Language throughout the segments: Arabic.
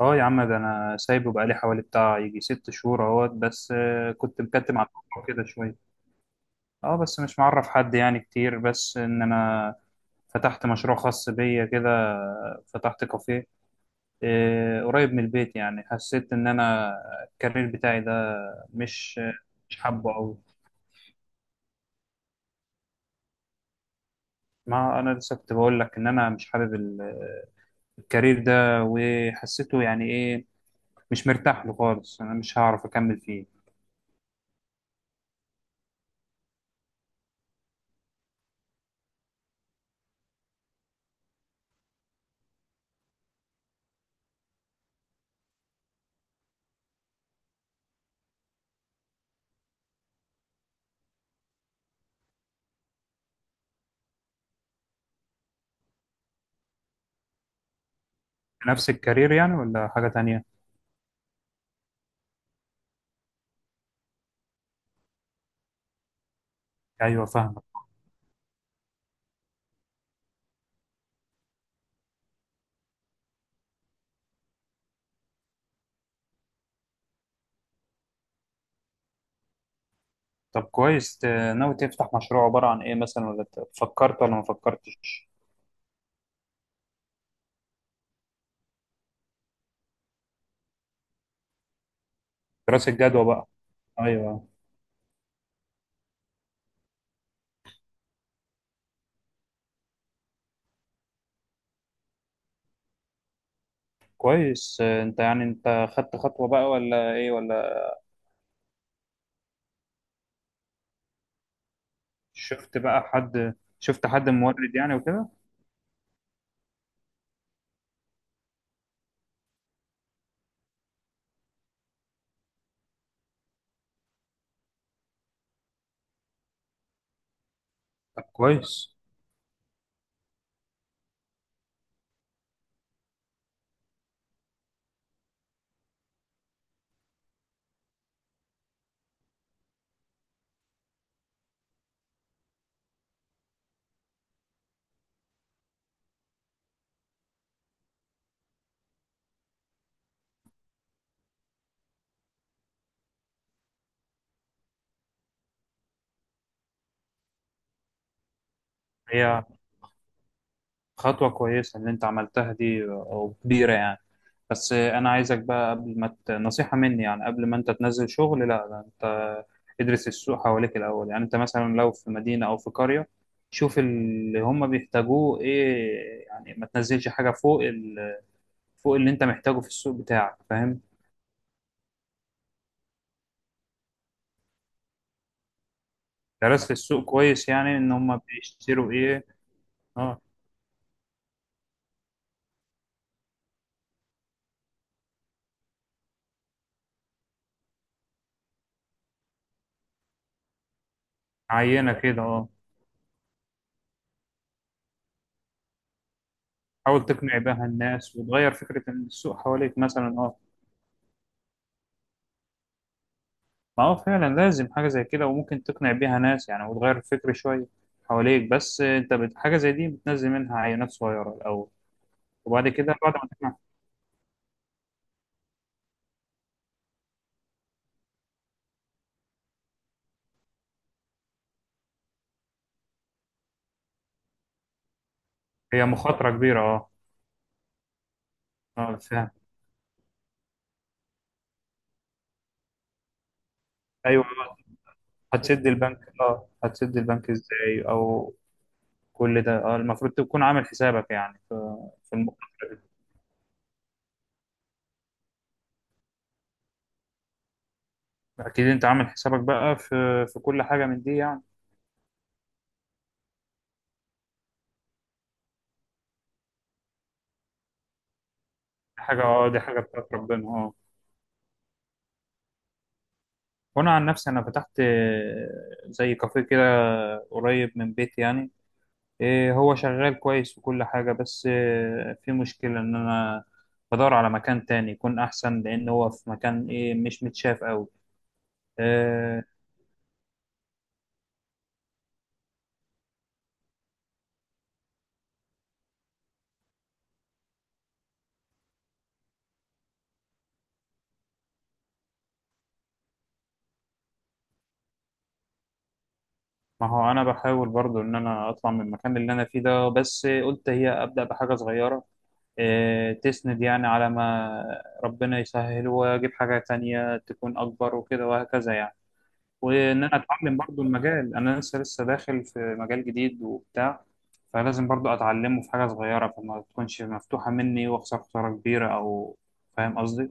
اه يا عم، ده انا سايبه بقالي حوالي بتاع يجي 6 شهور اهوت بس كنت مكتم على الموضوع كده شويه. اه، بس مش معرف حد يعني كتير، بس ان انا فتحت مشروع خاص بيا كده. فتحت كافيه. قريب من البيت، يعني حسيت ان انا الكارير بتاعي ده مش مش حابه قوي. ما انا لسه كنت بقول لك ان انا مش حابب الكارير ده، وحسيته يعني ايه، مش مرتاح له خالص، انا مش هعرف اكمل فيه. نفس الكارير يعني ولا حاجه تانية؟ ايوه، فاهم. طب كويس. ناوي تفتح مشروع عبارة عن ايه مثلا، ولا فكرت ولا ما فكرتش؟ دراسة جدوى بقى. ايوه كويس. انت يعني انت خدت خطوة بقى ولا ايه ولا... شفت بقى حد شفت حد مورد يعني وكده. طب كويس. هي خطوة كويسة اللي انت عملتها دي، او كبيرة يعني. بس انا عايزك بقى قبل ما نصيحة مني يعني، قبل ما انت تنزل شغل لا ده انت ادرس السوق حواليك الاول. يعني انت مثلا لو في مدينة او في قرية، شوف اللي هم بيحتاجوه ايه. يعني ما تنزلش حاجة فوق فوق اللي انت محتاجه في السوق بتاعك. فاهم؟ درست السوق كويس يعني، ان هم بيشتروا ايه؟ اه، عينة كده، اه. حاول تقنع بيها الناس وتغير فكرة السوق حواليك مثلا، اه. ما هو فعلا لازم حاجة زي كده، وممكن تقنع بيها ناس يعني وتغير الفكر شوية حواليك. بس انت حاجة زي دي بتنزل منها عينات صغيرة الأول، وبعد كده بعد ما تقنع. هي مخاطرة كبيرة، اه. اه، فاهم. ايوه. هتسد البنك، اه، هتسد البنك ازاي، او كل ده، اه، المفروض تكون عامل حسابك يعني، في في اكيد انت عامل حسابك بقى في كل حاجة من دي يعني. حاجة، اه، دي حاجة بتاعت ربنا، اه. وانا عن نفسي، انا فتحت زي كافيه كده، قريب من بيتي يعني. هو شغال كويس وكل حاجة، بس في مشكلة إن أنا بدور على مكان تاني يكون أحسن، لأن هو في مكان مش متشاف أوي. إيه، ما هو أنا بحاول برضو إن أنا أطلع من المكان اللي أنا فيه ده، بس قلت هي أبدأ بحاجة صغيرة تسند يعني، على ما ربنا يسهل وأجيب حاجة تانية تكون أكبر وكده وهكذا يعني. وان انا اتعلم برضو المجال، انا لسه داخل في مجال جديد وبتاع، فلازم برضو اتعلمه في حاجه صغيره، فما تكونش مفتوحه مني واخسر خساره كبيره او... فاهم قصدي؟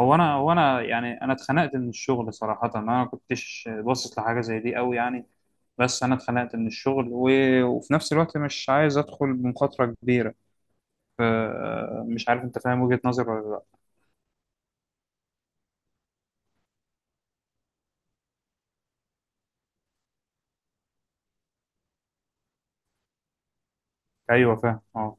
هو انا يعني انا اتخنقت من الشغل صراحه، انا ما كنتش باصص لحاجه زي دي قوي يعني. بس انا اتخنقت من الشغل وفي نفس الوقت مش عايز ادخل بمخاطره كبيره، ف- مش عارف انت فاهم وجهه نظري ولا لا؟ ايوه فاهم، اه.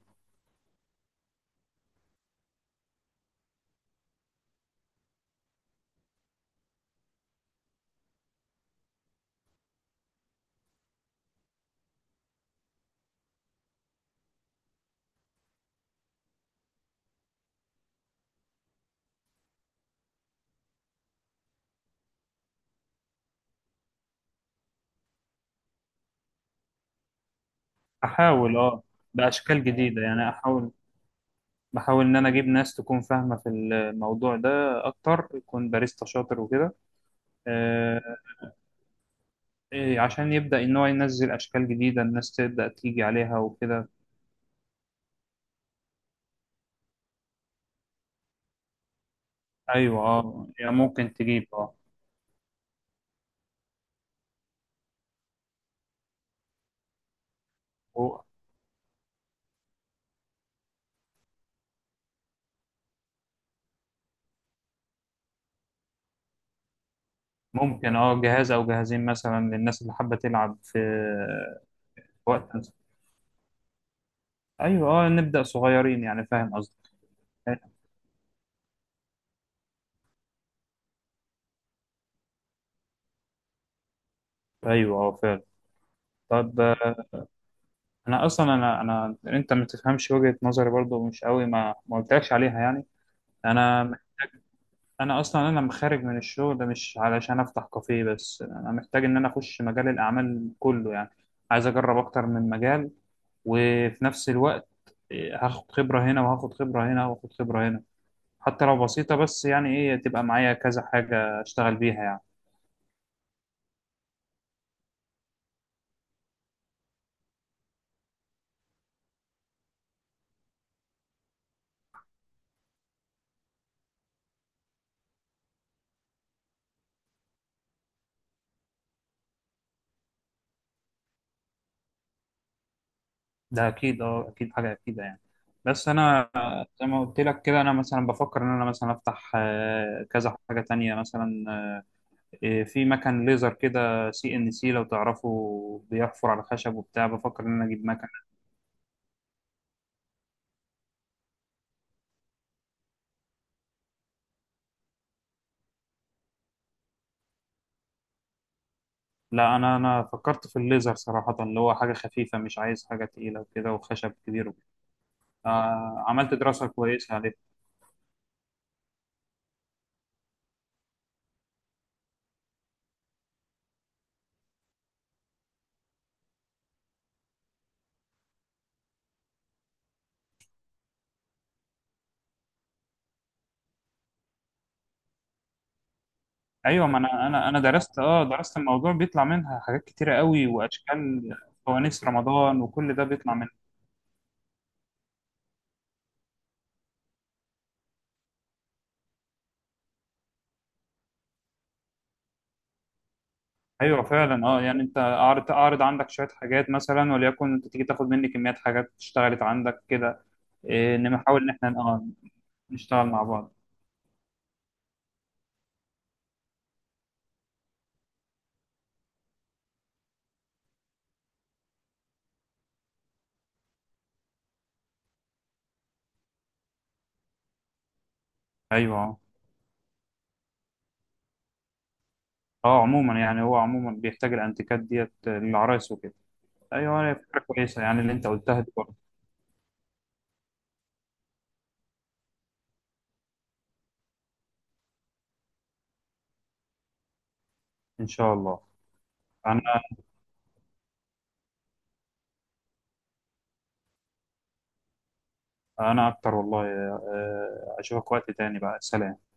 احاول، اه، باشكال جديده يعني، احاول. بحاول إن أنا أجيب ناس تكون فاهمة في الموضوع ده أكتر، يكون باريستا شاطر وكده. آه، عشان يبدأ إن هو ينزل أشكال جديدة، الناس تبدأ تيجي عليها وكده. أيوة، أه. يعني ممكن تجيب، أه، هو- ممكن، أه، جهاز أو جهازين مثلا للناس اللي حابة تلعب في في وقت. أيوة، أه، نبدأ صغيرين يعني. فاهم قصدي؟ أيوة، أه، فعلا. طب أنا أصلا أنا أنا أنت ما تفهمش وجهة نظري برضو مش قوي، ما قلتلكش عليها يعني. أنا انا اصلا انا خارج من الشغل ده مش علشان افتح كافيه، بس انا محتاج ان انا اخش مجال الاعمال كله يعني. عايز اجرب اكتر من مجال، وفي نفس الوقت هاخد خبرة هنا وهاخد خبرة هنا وهاخد خبرة هنا، حتى لو بسيطة، بس يعني ايه، تبقى معايا كذا حاجة اشتغل بيها يعني. ده اكيد، اه، اكيد حاجة اكيدة يعني. بس انا زي ما قلت لك كده، انا مثلا بفكر ان انا مثلا افتح كذا حاجة تانية مثلا. في مكن ليزر كده، CNC، لو تعرفوا بيحفر على خشب وبتاع، بفكر ان انا اجيب مكن. لا، انا فكرت في الليزر صراحة، اللي هو حاجة خفيفة، مش عايز حاجة تقيلة وكده وخشب كبير وكده. آه، عملت دراسة كويسة عليه. ايوه، ما انا درست الموضوع، بيطلع منها حاجات كتيرة قوي واشكال. فوانيس رمضان وكل ده بيطلع منها. ايوه فعلا، اه. يعني انت اعرض عندك شوية حاجات مثلا، وليكن انت تيجي تاخد مني كميات حاجات اشتغلت عندك كده. انما حاول ان احنا، اه، نشتغل مع بعض. ايوه، اه. عموما يعني، هو عموما بيحتاج الانتيكات ديت للعرايس وكده. ايوه، هي فكره كويسه يعني، اللي انت قلتها دي برضه. ان شاء الله. انا انا اكتر والله اشوفك وقت تاني بقى، سلام.